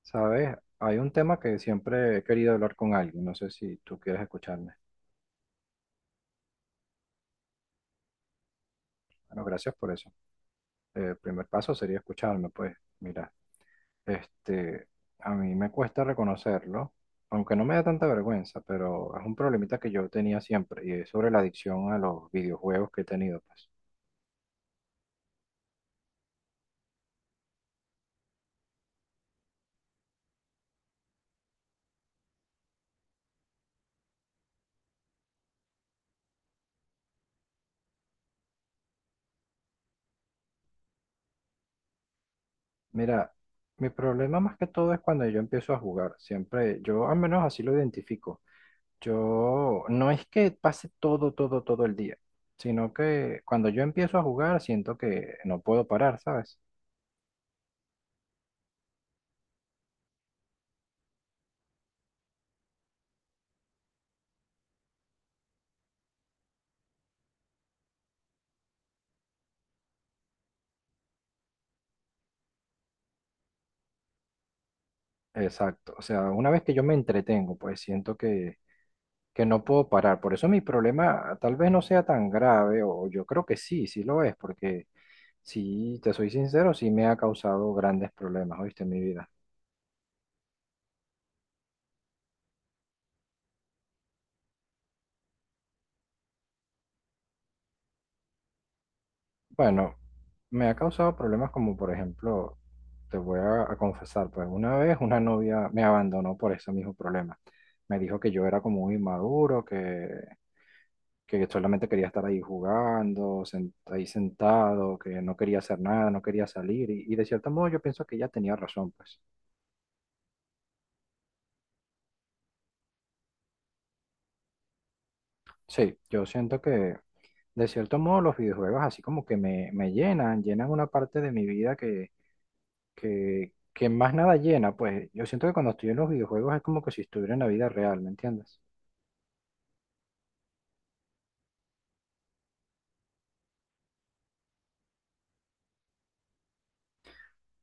Sabes, hay un tema que siempre he querido hablar con alguien, no sé si tú quieres escucharme. Bueno, gracias por eso. El primer paso sería escucharme, pues mira, este, a mí me cuesta reconocerlo, aunque no me da tanta vergüenza, pero es un problemita que yo tenía siempre y es sobre la adicción a los videojuegos que he tenido, pues. Mira, mi problema más que todo es cuando yo empiezo a jugar, siempre, yo al menos así lo identifico. Yo no es que pase todo el día, sino que cuando yo empiezo a jugar siento que no puedo parar, ¿sabes? Exacto. O sea, una vez que yo me entretengo, pues que no puedo parar. Por eso mi problema tal vez no sea tan grave, o yo creo que sí, sí lo es, porque si te soy sincero, sí me ha causado grandes problemas, ¿oíste? En mi vida. Bueno, me ha causado problemas como por ejemplo, te voy a confesar, pues una vez una novia me abandonó por ese mismo problema. Me dijo que yo era como un inmaduro, que solamente quería estar ahí jugando, ahí sentado, que no quería hacer nada, no quería salir. Y de cierto modo yo pienso que ella tenía razón, pues. Sí, yo siento que de cierto modo los videojuegos así como que me llenan, llenan una parte de mi vida que más nada llena, pues yo siento que cuando estoy en los videojuegos es como que si estuviera en la vida real, ¿me entiendes?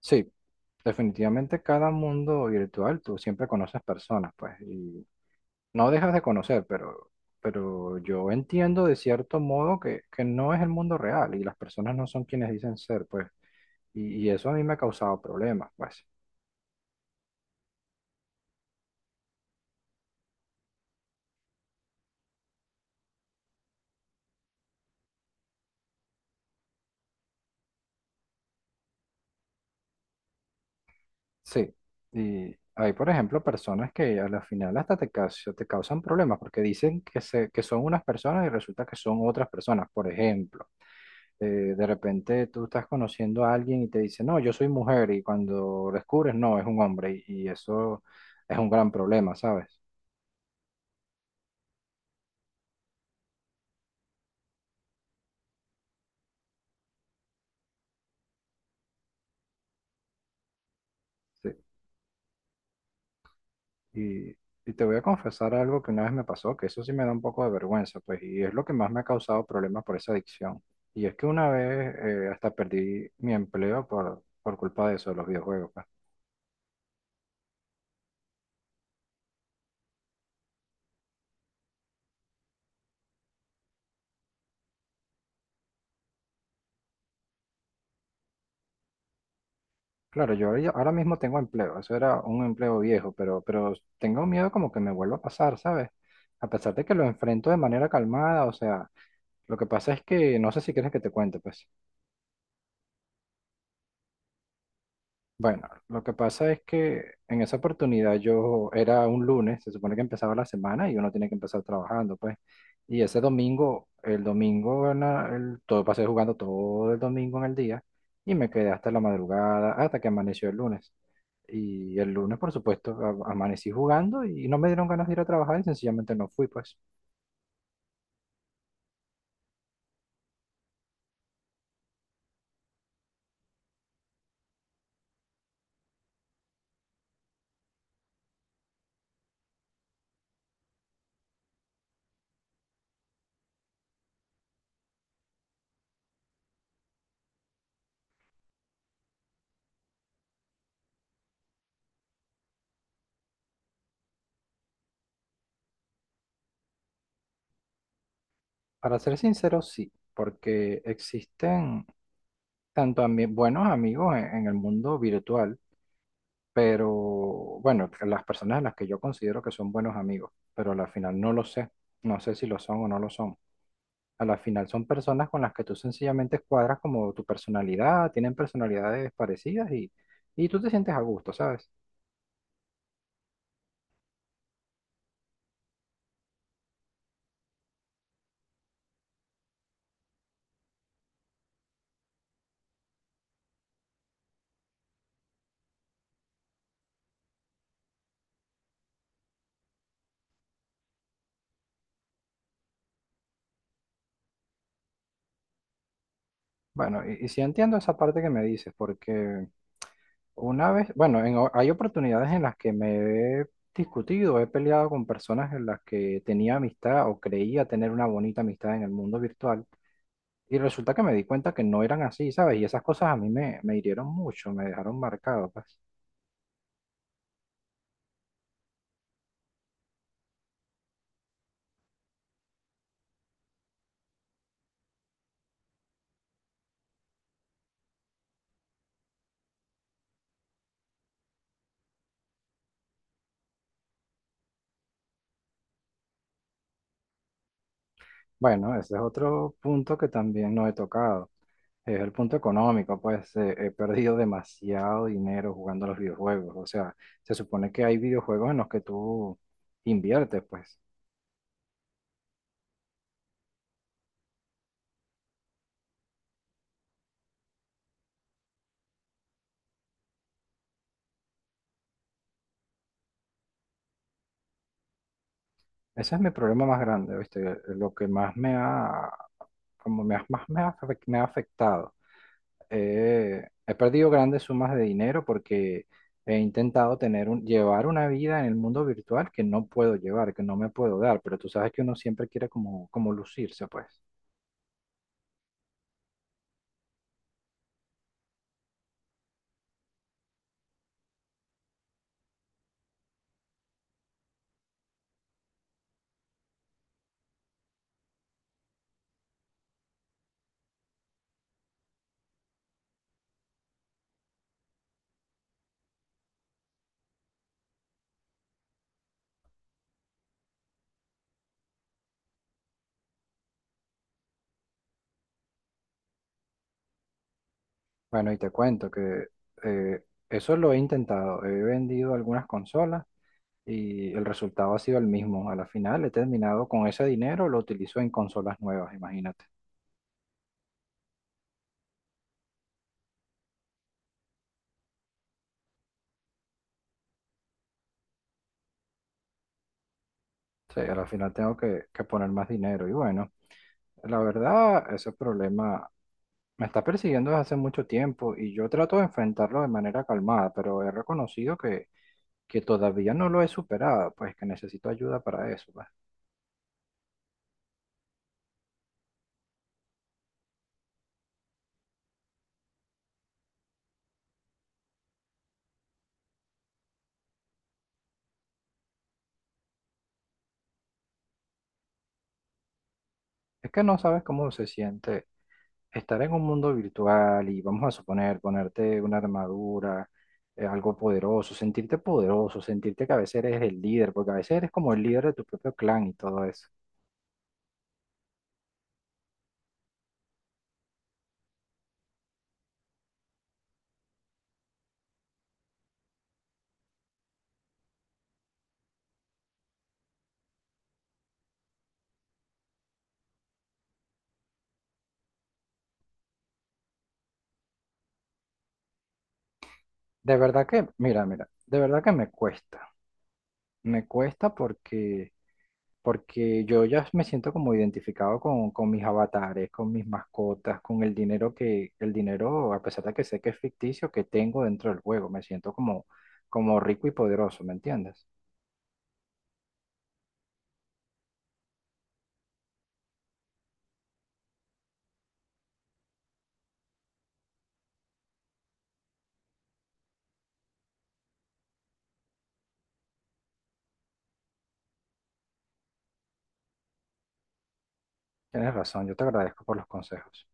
Sí, definitivamente cada mundo virtual tú siempre conoces personas, pues, y no dejas de conocer, pero yo entiendo de cierto modo que no es el mundo real y las personas no son quienes dicen ser, pues, y eso a mí me ha causado problemas, pues. Sí, y hay, por ejemplo, personas que a la final hasta te causan problemas porque dicen que, se, que son unas personas y resulta que son otras personas. Por ejemplo, eh, de repente tú estás conociendo a alguien y te dice, no, yo soy mujer y cuando descubres, no, es un hombre y eso es un gran problema, ¿sabes? Sí. Y, y te voy a confesar algo que una vez me pasó, que eso sí me da un poco de vergüenza, pues, y es lo que más me ha causado problemas por esa adicción. Y es que una vez hasta perdí mi empleo por culpa de eso, de los videojuegos, pues. Claro, yo ahora mismo tengo empleo, eso era un empleo viejo, pero tengo miedo como que me vuelva a pasar, ¿sabes? A pesar de que lo enfrento de manera calmada, o sea, lo que pasa es que no sé si quieres que te cuente, pues. Bueno, lo que pasa es que en esa oportunidad yo era un lunes, se supone que empezaba la semana y uno tiene que empezar trabajando, pues. Y ese domingo, el domingo, en la- el- todo pasé jugando todo el domingo en el día y me quedé hasta la madrugada, hasta que amaneció el lunes. Y el lunes, por supuesto, amanecí jugando y no me dieron ganas de ir a trabajar y sencillamente no fui, pues. Para ser sincero, sí, porque existen tanto buenos amigos en el mundo virtual, pero bueno, las personas a las que yo considero que son buenos amigos, pero a la final no lo sé, no sé si lo son o no lo son. A la final son personas con las que tú sencillamente cuadras como tu personalidad, tienen personalidades parecidas y tú te sientes a gusto, ¿sabes? Bueno, y sí entiendo esa parte que me dices, porque una vez, bueno, hay oportunidades en las que me he discutido, he peleado con personas en las que tenía amistad o creía tener una bonita amistad en el mundo virtual. Y resulta que me di cuenta que no eran así, ¿sabes? Y esas cosas a mí me hirieron mucho, me dejaron marcado, pues. Bueno, ese es otro punto que también no he tocado. Es el punto económico, pues he perdido demasiado dinero jugando a los videojuegos. O sea, se supone que hay videojuegos en los que tú inviertes, pues. Ese es mi problema más grande, ¿viste? Lo que más me ha, como me ha- más me ha, afec- me ha afectado. He perdido grandes sumas de dinero porque he intentado llevar una vida en el mundo virtual que no puedo llevar, que no me puedo dar, pero tú sabes que uno siempre quiere como lucirse, pues. Bueno, y te cuento que eh, eso lo he intentado. He vendido algunas consolas y el resultado ha sido el mismo. A la final he terminado con ese dinero, lo utilizo en consolas nuevas, imagínate. Sí, al final que poner más dinero. Y bueno, la verdad, ese problema me está persiguiendo desde hace mucho tiempo y yo trato de enfrentarlo de manera calmada, pero he reconocido que todavía no lo he superado, pues que necesito ayuda para eso. Es que no sabes cómo se siente estar en un mundo virtual y vamos a suponer ponerte una armadura, algo poderoso, sentirte que a veces eres el líder, porque a veces eres como el líder de tu propio clan y todo eso. De verdad que, mira, mira, de verdad que me cuesta. Me cuesta porque yo ya me siento como identificado con mis avatares, con mis mascotas, con el dinero el dinero, a pesar de que sé que es ficticio, que tengo dentro del juego. Me siento como rico y poderoso, ¿me entiendes? Tienes razón, yo te agradezco por los consejos.